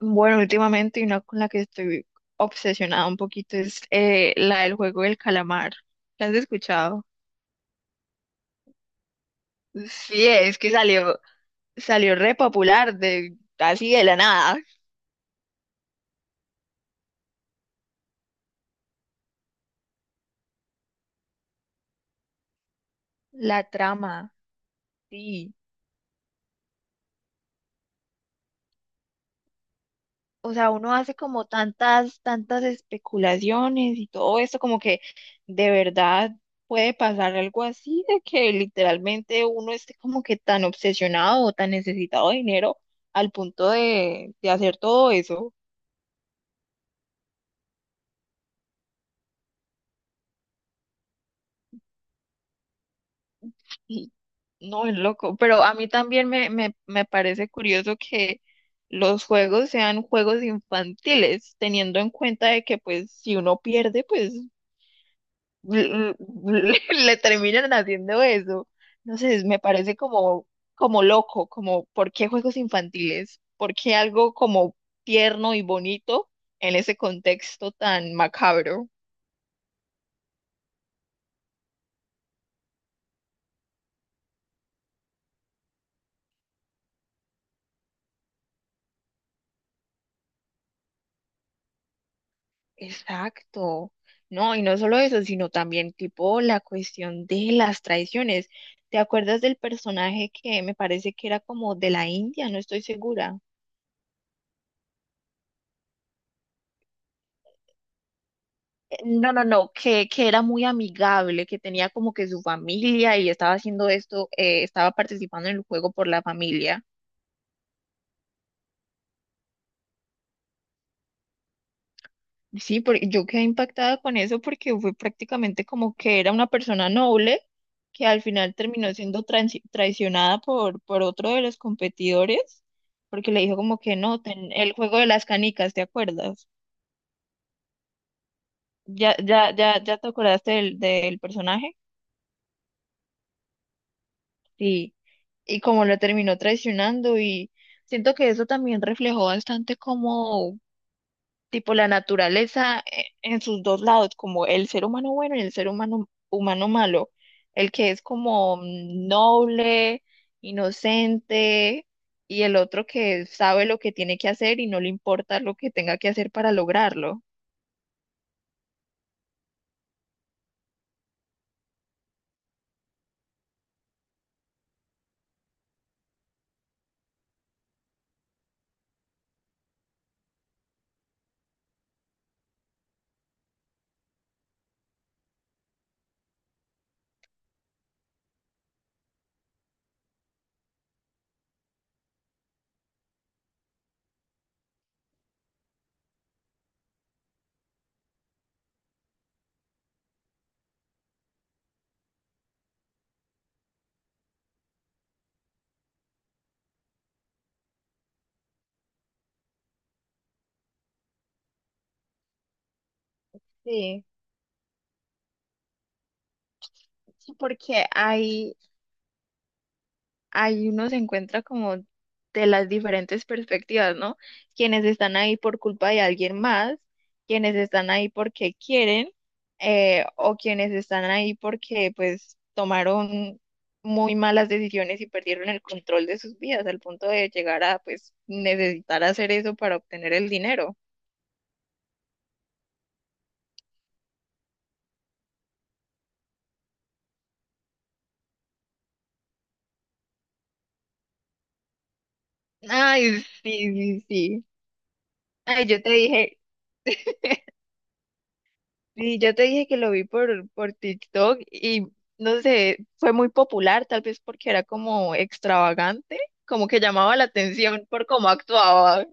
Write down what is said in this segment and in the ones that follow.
Bueno, últimamente una con la que estoy obsesionada un poquito es la del juego del calamar. ¿La has escuchado? Sí, es que salió re popular de así de la nada. La trama, sí. O sea, uno hace como tantas especulaciones y todo esto, como que de verdad puede pasar algo así, de que literalmente uno esté como que tan obsesionado o tan necesitado de dinero al punto de hacer todo eso. Y no, es loco, pero a mí también me parece curioso que los juegos sean juegos infantiles, teniendo en cuenta de que pues si uno pierde, pues le terminan haciendo eso. No sé, me parece como loco, como ¿por qué juegos infantiles? ¿Por qué algo como tierno y bonito en ese contexto tan macabro? Exacto. No, y no solo eso, sino también tipo la cuestión de las traiciones. ¿Te acuerdas del personaje que me parece que era como de la India? No estoy segura. No, no, no, que era muy amigable, que tenía como que su familia y estaba haciendo esto, estaba participando en el juego por la familia. Sí, porque yo quedé impactada con eso porque fue prácticamente como que era una persona noble que al final terminó siendo traicionada por otro de los competidores porque le dijo como que no, el juego de las canicas, ¿te acuerdas? ¿Ya te acordaste del personaje? Sí. Y como lo terminó traicionando y siento que eso también reflejó bastante tipo la naturaleza en sus dos lados, como el ser humano bueno y el ser humano, humano malo, el que es como noble, inocente, y el otro que sabe lo que tiene que hacer y no le importa lo que tenga que hacer para lograrlo. Sí, sí, porque hay, ahí uno se encuentra como de las diferentes perspectivas, ¿no? Quienes están ahí por culpa de alguien más, quienes están ahí porque quieren, o quienes están ahí porque pues tomaron muy malas decisiones y perdieron el control de sus vidas al punto de llegar a pues necesitar hacer eso para obtener el dinero. Ay, sí, sí, sí. Ay, yo te dije. Sí, yo te dije que lo vi por TikTok y no sé, fue muy popular, tal vez porque era como extravagante, como que llamaba la atención por cómo actuaba.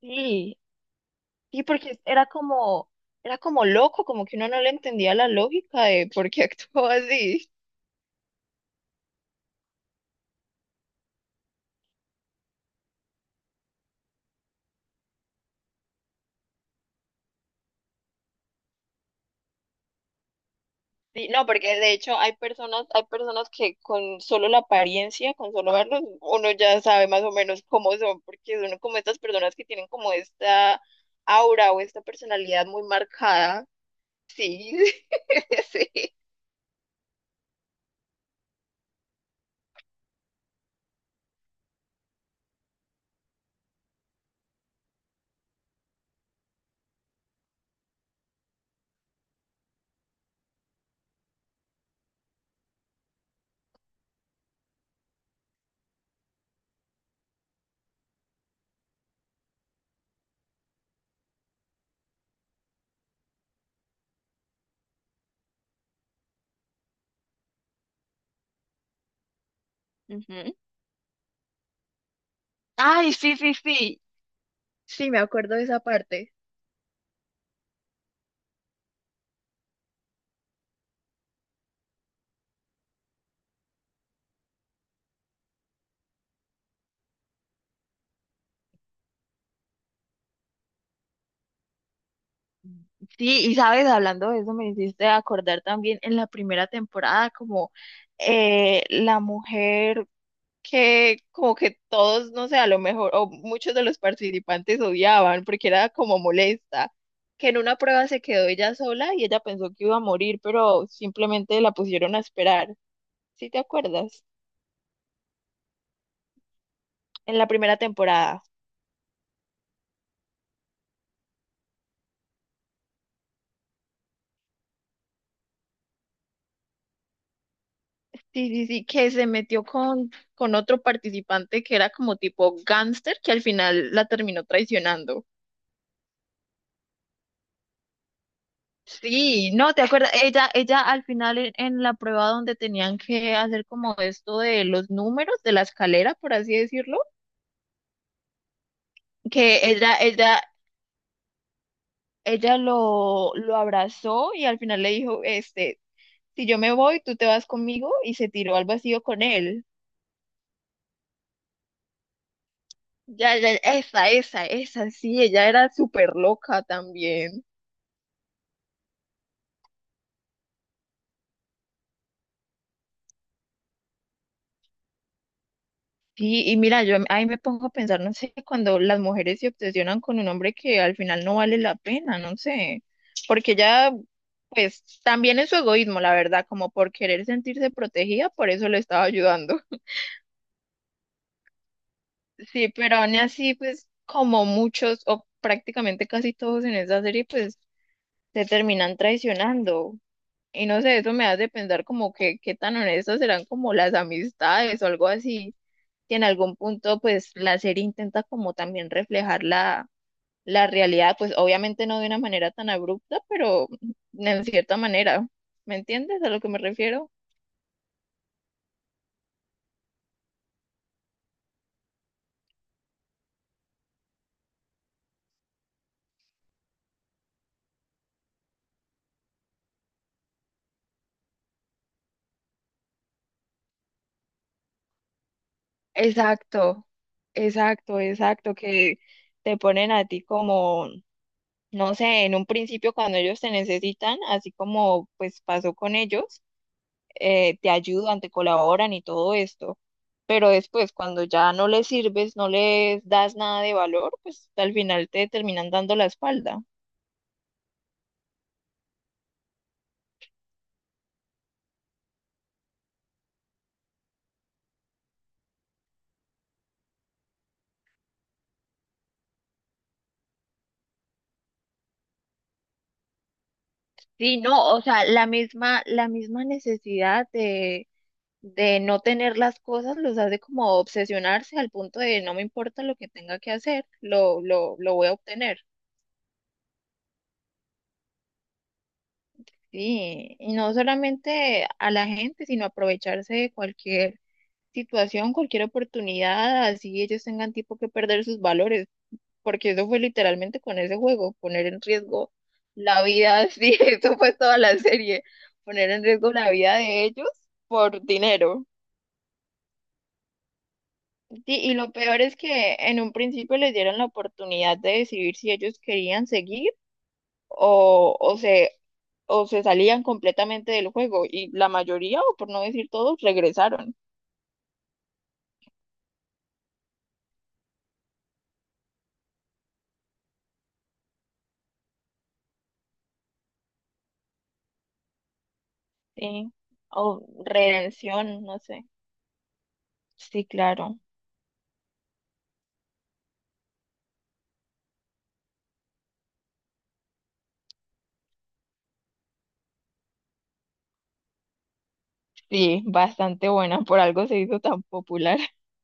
Sí, sí, porque era como loco, como que uno no le entendía la lógica de por qué actuaba así. Sí, no, porque de hecho hay personas que con solo la apariencia, con solo verlos, uno ya sabe más o menos cómo son, porque son como estas personas que tienen como esta aura o esta personalidad muy marcada. Sí, sí. Ujú. Ay, sí, sí, sí. Sí, me acuerdo de esa parte. Sí, y sabes, hablando de eso, me hiciste acordar también en la primera temporada, como la mujer que como que todos, no sé, a lo mejor, o muchos de los participantes odiaban porque era como molesta, que en una prueba se quedó ella sola y ella pensó que iba a morir, pero simplemente la pusieron a esperar. ¿Sí te acuerdas? En la primera temporada. Sí, sí, sí, que se metió con otro participante que era como tipo gángster, que al final la terminó traicionando. Sí, no, ¿te acuerdas? Ella al final en la prueba donde tenían que hacer como esto de los números de la escalera, por así decirlo, que ella lo abrazó y al final le dijo, este, si yo me voy, tú te vas conmigo y se tiró al vacío con él. Ya, ya, esa, sí, ella era súper loca también. Sí, y mira, yo ahí me pongo a pensar, no sé, cuando las mujeres se obsesionan con un hombre que al final no vale la pena, no sé, porque ya, pues también es su egoísmo, la verdad, como por querer sentirse protegida, por eso le estaba ayudando. Sí, pero aún así, pues como muchos o prácticamente casi todos en esa serie, pues se terminan traicionando. Y no sé, eso me hace pensar como que qué tan honestas serán como las amistades o algo así, que en algún punto pues la serie intenta como también reflejar la realidad, pues obviamente no de una manera tan abrupta, pero en cierta manera, ¿me entiendes a lo que me refiero? Exacto, exacto, que te ponen a ti como, no sé, en un principio cuando ellos te necesitan, así como pues pasó con ellos. Te ayudan, te colaboran y todo esto, pero después cuando ya no les sirves, no les das nada de valor, pues al final te terminan dando la espalda. Sí, no, o sea, la misma necesidad de no tener las cosas los hace como obsesionarse al punto de no me importa lo que tenga que hacer, lo voy a obtener. Sí, y no solamente a la gente, sino aprovecharse de cualquier situación, cualquier oportunidad, así ellos tengan tipo que perder sus valores, porque eso fue literalmente con ese juego, poner en riesgo la vida, sí, eso fue toda la serie, poner en riesgo la vida de ellos por dinero. Sí, y lo peor es que en un principio les dieron la oportunidad de decidir si ellos querían seguir o, o se, o se salían completamente del juego, y la mayoría, o por no decir todos, regresaron. Sí, o redención, no sé. Sí, claro. Sí, bastante buena, por algo se hizo tan popular.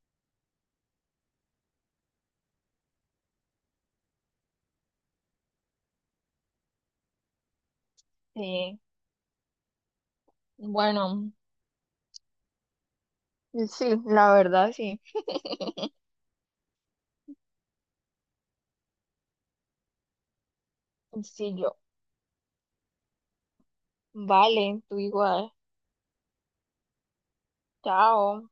Sí, bueno, sí, la verdad sí. Sí, yo. Vale, tú igual. Chao.